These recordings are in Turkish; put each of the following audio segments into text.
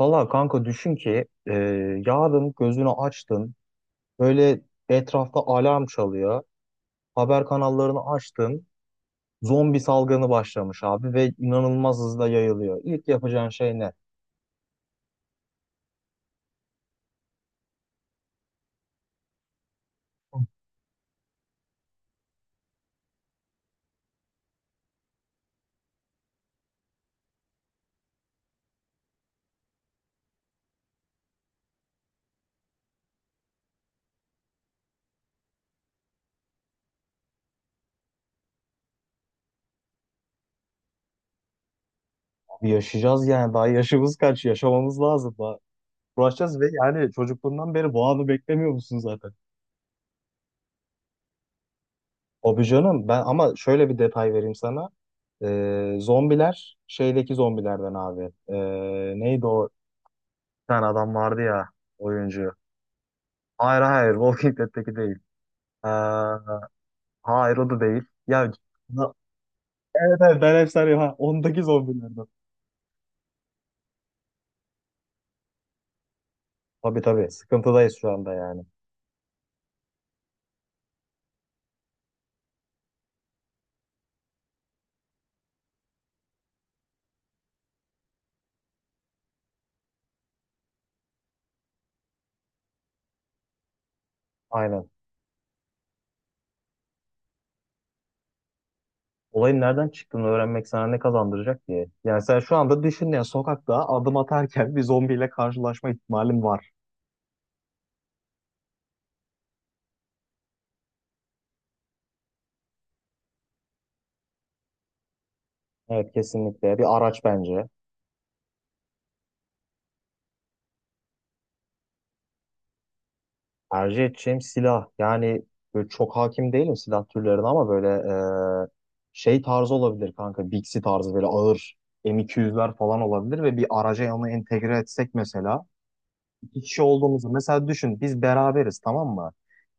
Valla kanka düşün ki yarın gözünü açtın böyle etrafta alarm çalıyor. Haber kanallarını açtın. Zombi salgını başlamış abi ve inanılmaz hızla yayılıyor. İlk yapacağın şey ne? Abi yaşayacağız yani daha yaşımız kaç yaşamamız lazım daha. Uğraşacağız ve yani çocukluğundan beri bu anı beklemiyor musun zaten? Abi canım ben ama şöyle bir detay vereyim sana. Zombiler şeydeki zombilerden abi. Neydi o? Bir tane adam vardı ya, oyuncu. Hayır hayır, Walking Dead'teki değil. Ee, hayır o da değil. Ya, Na- evet evet, ben hep sarıyorum ha. Ondaki zombilerden. Tabii tabii, sıkıntıdayız şu anda yani. Aynen. Olayın nereden çıktığını öğrenmek sana ne kazandıracak diye. Yani sen şu anda düşün ya, sokakta adım atarken bir zombiyle karşılaşma ihtimalin var. Evet, kesinlikle. Bir araç bence. Tercih edeceğim silah. Yani böyle çok hakim değilim silah türlerine ama böyle e, şey tarzı olabilir kanka. Bixi tarzı, böyle ağır M200'ler falan olabilir ve bir araca onu entegre etsek mesela. İki kişi olduğumuzu mesela düşün, biz beraberiz, tamam mı?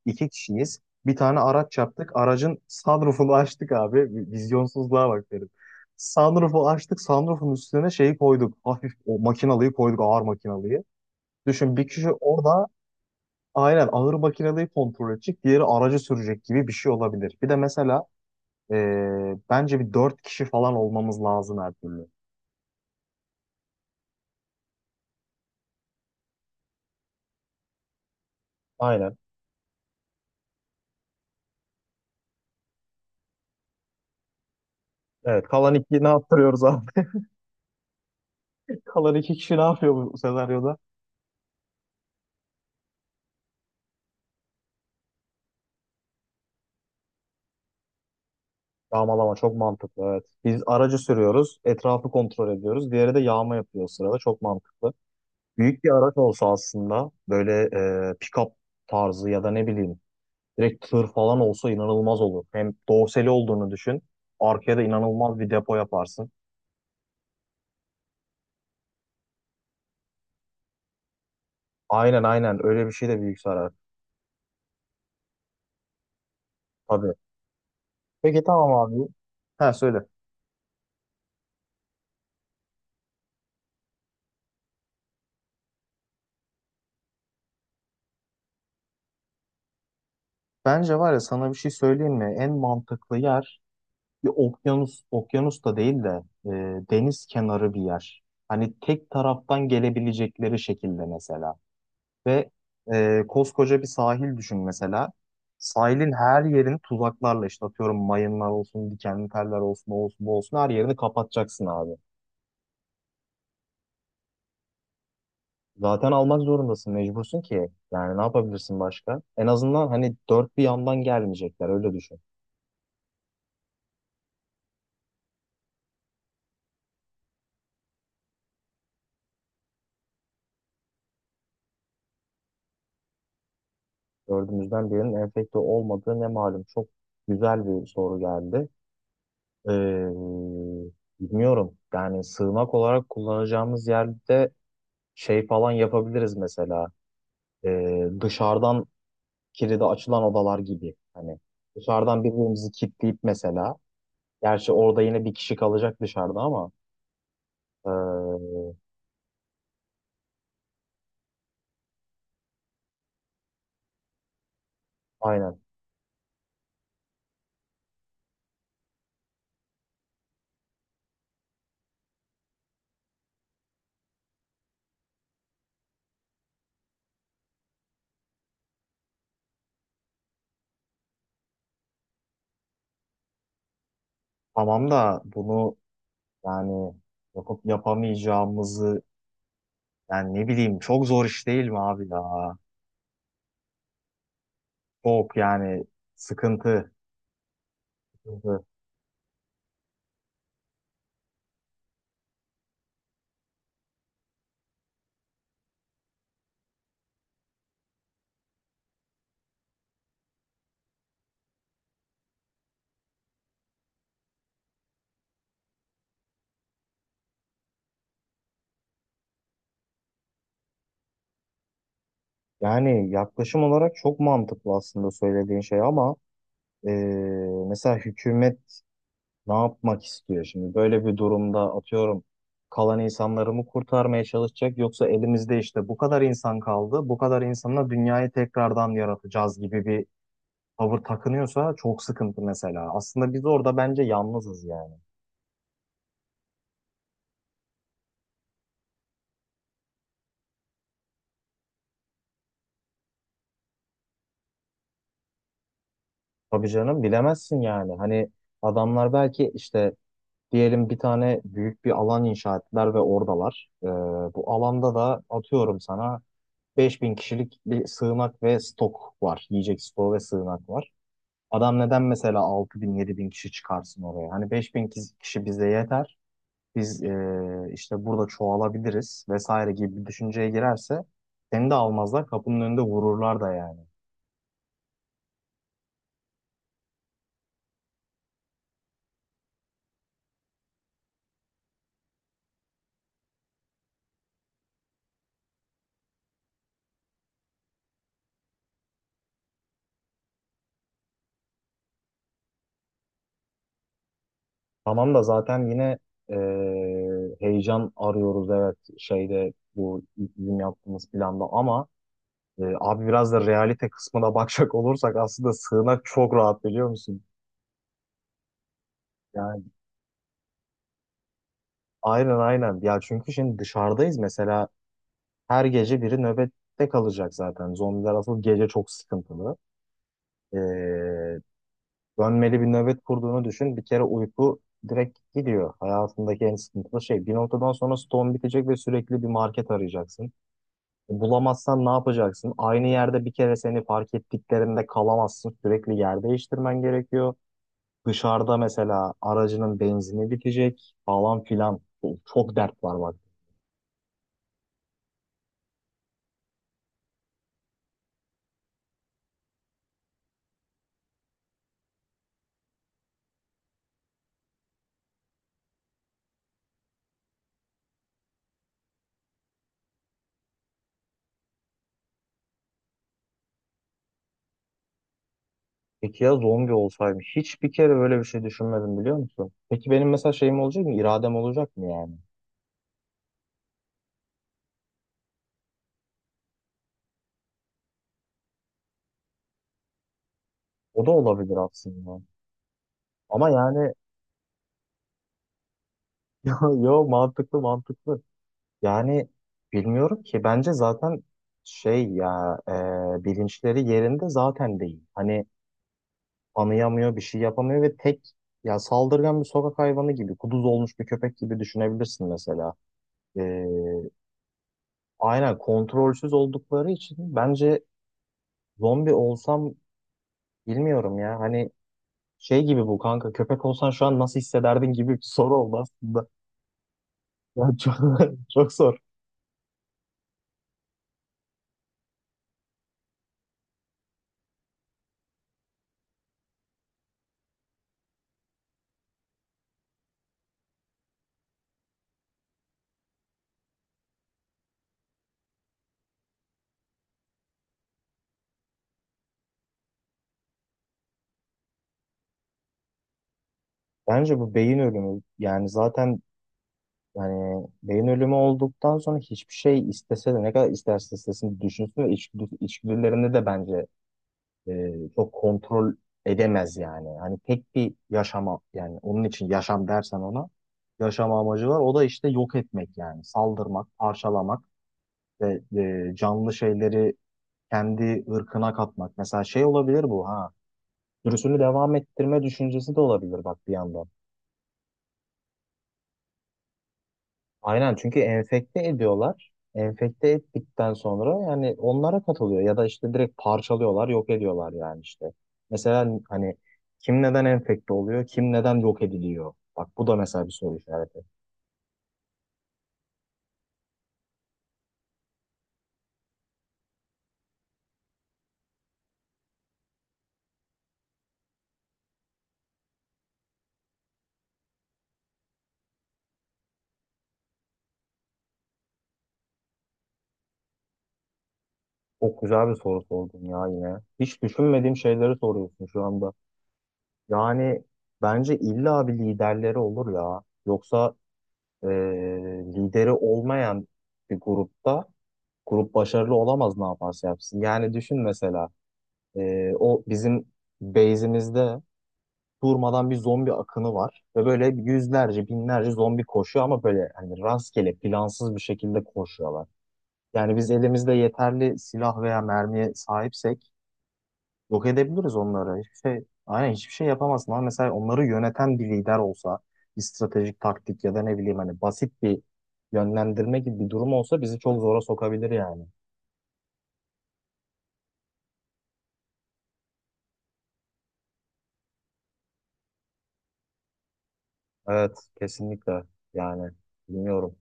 İki kişiyiz. Bir tane araç yaptık. Aracın sunroofunu açtık abi. Vizyonsuzluğa bak derim. Sunroofu açtık. Sunroofun üstüne şeyi koyduk. Hafif o makinalıyı koyduk. Ağır makinalıyı. Düşün bir kişi orada. Aynen, ağır makineyi kontrol edecek, diğeri aracı sürecek gibi bir şey olabilir. Bir de mesela bence bir dört kişi falan olmamız lazım her türlü. Aynen. Evet. Kalan iki ne yaptırıyoruz abi? Kalan iki kişi ne yapıyor bu senaryoda? Yağmalama çok mantıklı, evet. Biz aracı sürüyoruz, etrafı kontrol ediyoruz. Diğeri de yağma yapıyor o sırada. Çok mantıklı. Büyük bir araç olsa aslında, böyle pick-up tarzı ya da ne bileyim direkt tır falan olsa inanılmaz olur. Hem dorsali olduğunu düşün. Arkaya da inanılmaz bir depo yaparsın. Aynen aynen, öyle bir şey de büyük zarar. Tabii. Peki tamam abi. Ha, söyle. Bence var ya, sana bir şey söyleyeyim mi? En mantıklı yer bir okyanus, okyanus da değil de e, deniz kenarı bir yer. Hani tek taraftan gelebilecekleri şekilde mesela. Ve koskoca bir sahil düşün mesela. Sahilin her yerini tuzaklarla, işte atıyorum, mayınlar olsun, dikenli teller olsun, o olsun, bu olsun, her yerini kapatacaksın abi. Zaten almak zorundasın, mecbursun ki. Yani ne yapabilirsin başka? En azından hani dört bir yandan gelmeyecekler, öyle düşün. Dördümüzden birinin enfekte olmadığı ne malum. Çok güzel bir soru geldi. Ee, Bilmiyorum. Yani sığınak olarak kullanacağımız yerde şey falan yapabiliriz mesela. Dışarıdan kilidi açılan odalar gibi. Hani dışarıdan birbirimizi kilitleyip mesela. Gerçi orada yine bir kişi kalacak dışarıda ama. ee, aynen. Tamam da bunu, yani yapıp yapamayacağımızı, Yani ne bileyim, çok zor iş değil mi abi ya? Çok yani, sıkıntı. Sıkıntı. Yani yaklaşım olarak çok mantıklı aslında söylediğin şey ama eee, mesela hükümet ne yapmak istiyor şimdi? Böyle bir durumda atıyorum, kalan insanları mı kurtarmaya çalışacak, yoksa elimizde işte bu kadar insan kaldı, bu kadar insanla dünyayı tekrardan yaratacağız gibi bir tavır takınıyorsa çok sıkıntı mesela. Aslında biz orada bence yalnızız yani. Tabii canım, bilemezsin yani. Hani adamlar belki işte, diyelim bir tane büyük bir alan inşa ettiler ve oradalar. Bu alanda da atıyorum sana 5.000 kişilik bir sığınak ve stok var. Yiyecek stoğu ve sığınak var. Adam neden mesela 6000 bin kişi çıkarsın oraya? Hani 5000 kişi bize yeter. Biz işte burada çoğalabiliriz vesaire gibi bir düşünceye girerse seni de almazlar, kapının önünde vururlar da yani. Tamam da zaten yine e, heyecan arıyoruz evet, şeyde bu bizim yaptığımız planda, ama abi biraz da realite kısmına bakacak olursak aslında sığınak çok rahat biliyor musun? Yani aynen aynen ya, çünkü şimdi dışarıdayız mesela, her gece biri nöbette kalacak, zaten zombiler asıl gece çok sıkıntılı. E, Dönmeli bir nöbet kurduğunu düşün bir kere, uyku direkt gidiyor, hayatındaki en sıkıntılı şey. Bir noktadan sonra stone bitecek ve sürekli bir market arayacaksın. Bulamazsan ne yapacaksın? Aynı yerde bir kere seni fark ettiklerinde kalamazsın. Sürekli yer değiştirmen gerekiyor. Dışarıda mesela aracının benzini bitecek falan filan. Çok dert var bak. Peki ya zombi olsaydım? Hiç bir kere böyle bir şey düşünmedim biliyor musun? Peki benim mesela şeyim olacak mı? İradem olacak mı yani? O da olabilir aslında. Ama yani yo, yo, mantıklı mantıklı. Yani bilmiyorum ki, bence zaten şey ya, bilinçleri yerinde zaten değil. Hani anıyamıyor, bir şey yapamıyor ve tek, ya saldırgan bir sokak hayvanı gibi, kuduz olmuş bir köpek gibi düşünebilirsin mesela. Ee, aynen, kontrolsüz oldukları için bence zombi olsam bilmiyorum ya. Hani şey gibi, bu kanka, köpek olsan şu an nasıl hissederdin gibi bir soru oldu aslında. Ya çok, çok zor. Bence bu beyin ölümü, yani zaten yani beyin ölümü olduktan sonra hiçbir şey, istese de ne kadar isterse istesin düşünsün, ve içgüdülerini de bence çok kontrol edemez yani. Hani tek bir yaşama, yani onun için yaşam dersen ona, yaşama amacı var. O da işte yok etmek, yani saldırmak, parçalamak ve canlı şeyleri kendi ırkına katmak. Mesela şey olabilir bu ha. Sürüsünü devam ettirme düşüncesi de olabilir bak bir yandan. Aynen, çünkü enfekte ediyorlar. Enfekte ettikten sonra yani onlara katılıyor ya da işte direkt parçalıyorlar, yok ediyorlar yani işte. Mesela hani kim neden enfekte oluyor, kim neden yok ediliyor? Bak bu da mesela bir soru işareti. Çok güzel bir soru sordun ya yine. Hiç düşünmediğim şeyleri soruyorsun şu anda. Yani bence illa bir liderleri olur ya. Yoksa eee, lideri olmayan bir grupta grup başarılı olamaz ne yaparsa yapsın. Yani düşün mesela. O bizim base'imizde durmadan bir zombi akını var. Ve böyle yüzlerce, binlerce zombi koşuyor ama böyle hani rastgele, plansız bir şekilde koşuyorlar. Yani biz elimizde yeterli silah veya mermiye sahipsek yok edebiliriz onları. Hiçbir şey, aynen, hiçbir şey yapamazsın. Ama mesela onları yöneten bir lider olsa, bir stratejik taktik ya da ne bileyim hani basit bir yönlendirme gibi bir durum olsa bizi çok zora sokabilir yani. Evet, kesinlikle. Yani bilmiyorum.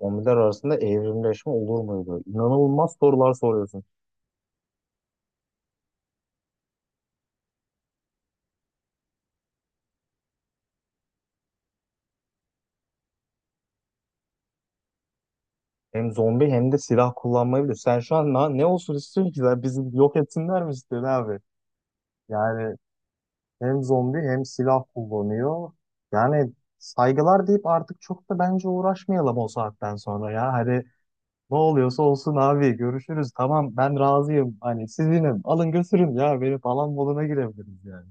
Zombiler arasında evrimleşme olur muydu? İnanılmaz sorular soruyorsun. Hem zombi hem de silah kullanmayı biliyor. Sen şu an ne olsun istiyorsun ki? Sen bizi yok etsinler mi istiyorsun abi? Yani hem zombi hem silah kullanıyor. Yani saygılar deyip artık çok da bence uğraşmayalım o saatten sonra ya. Hani ne oluyorsa olsun abi, görüşürüz. Tamam, ben razıyım. Hani sizinim. Alın götürün ya. Beni falan moduna girebiliriz yani.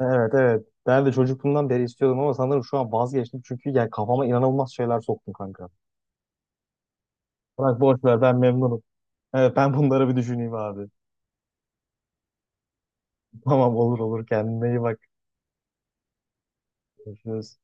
Evet evet. Ben de çocukluğumdan beri istiyordum ama sanırım şu an vazgeçtim. Çünkü yani kafama inanılmaz şeyler soktun kanka. Bırak, boş ver, ben memnunum. Evet, ben bunları bir düşüneyim abi. Tamam, olur olur, kendine iyi bak. Görüşürüz.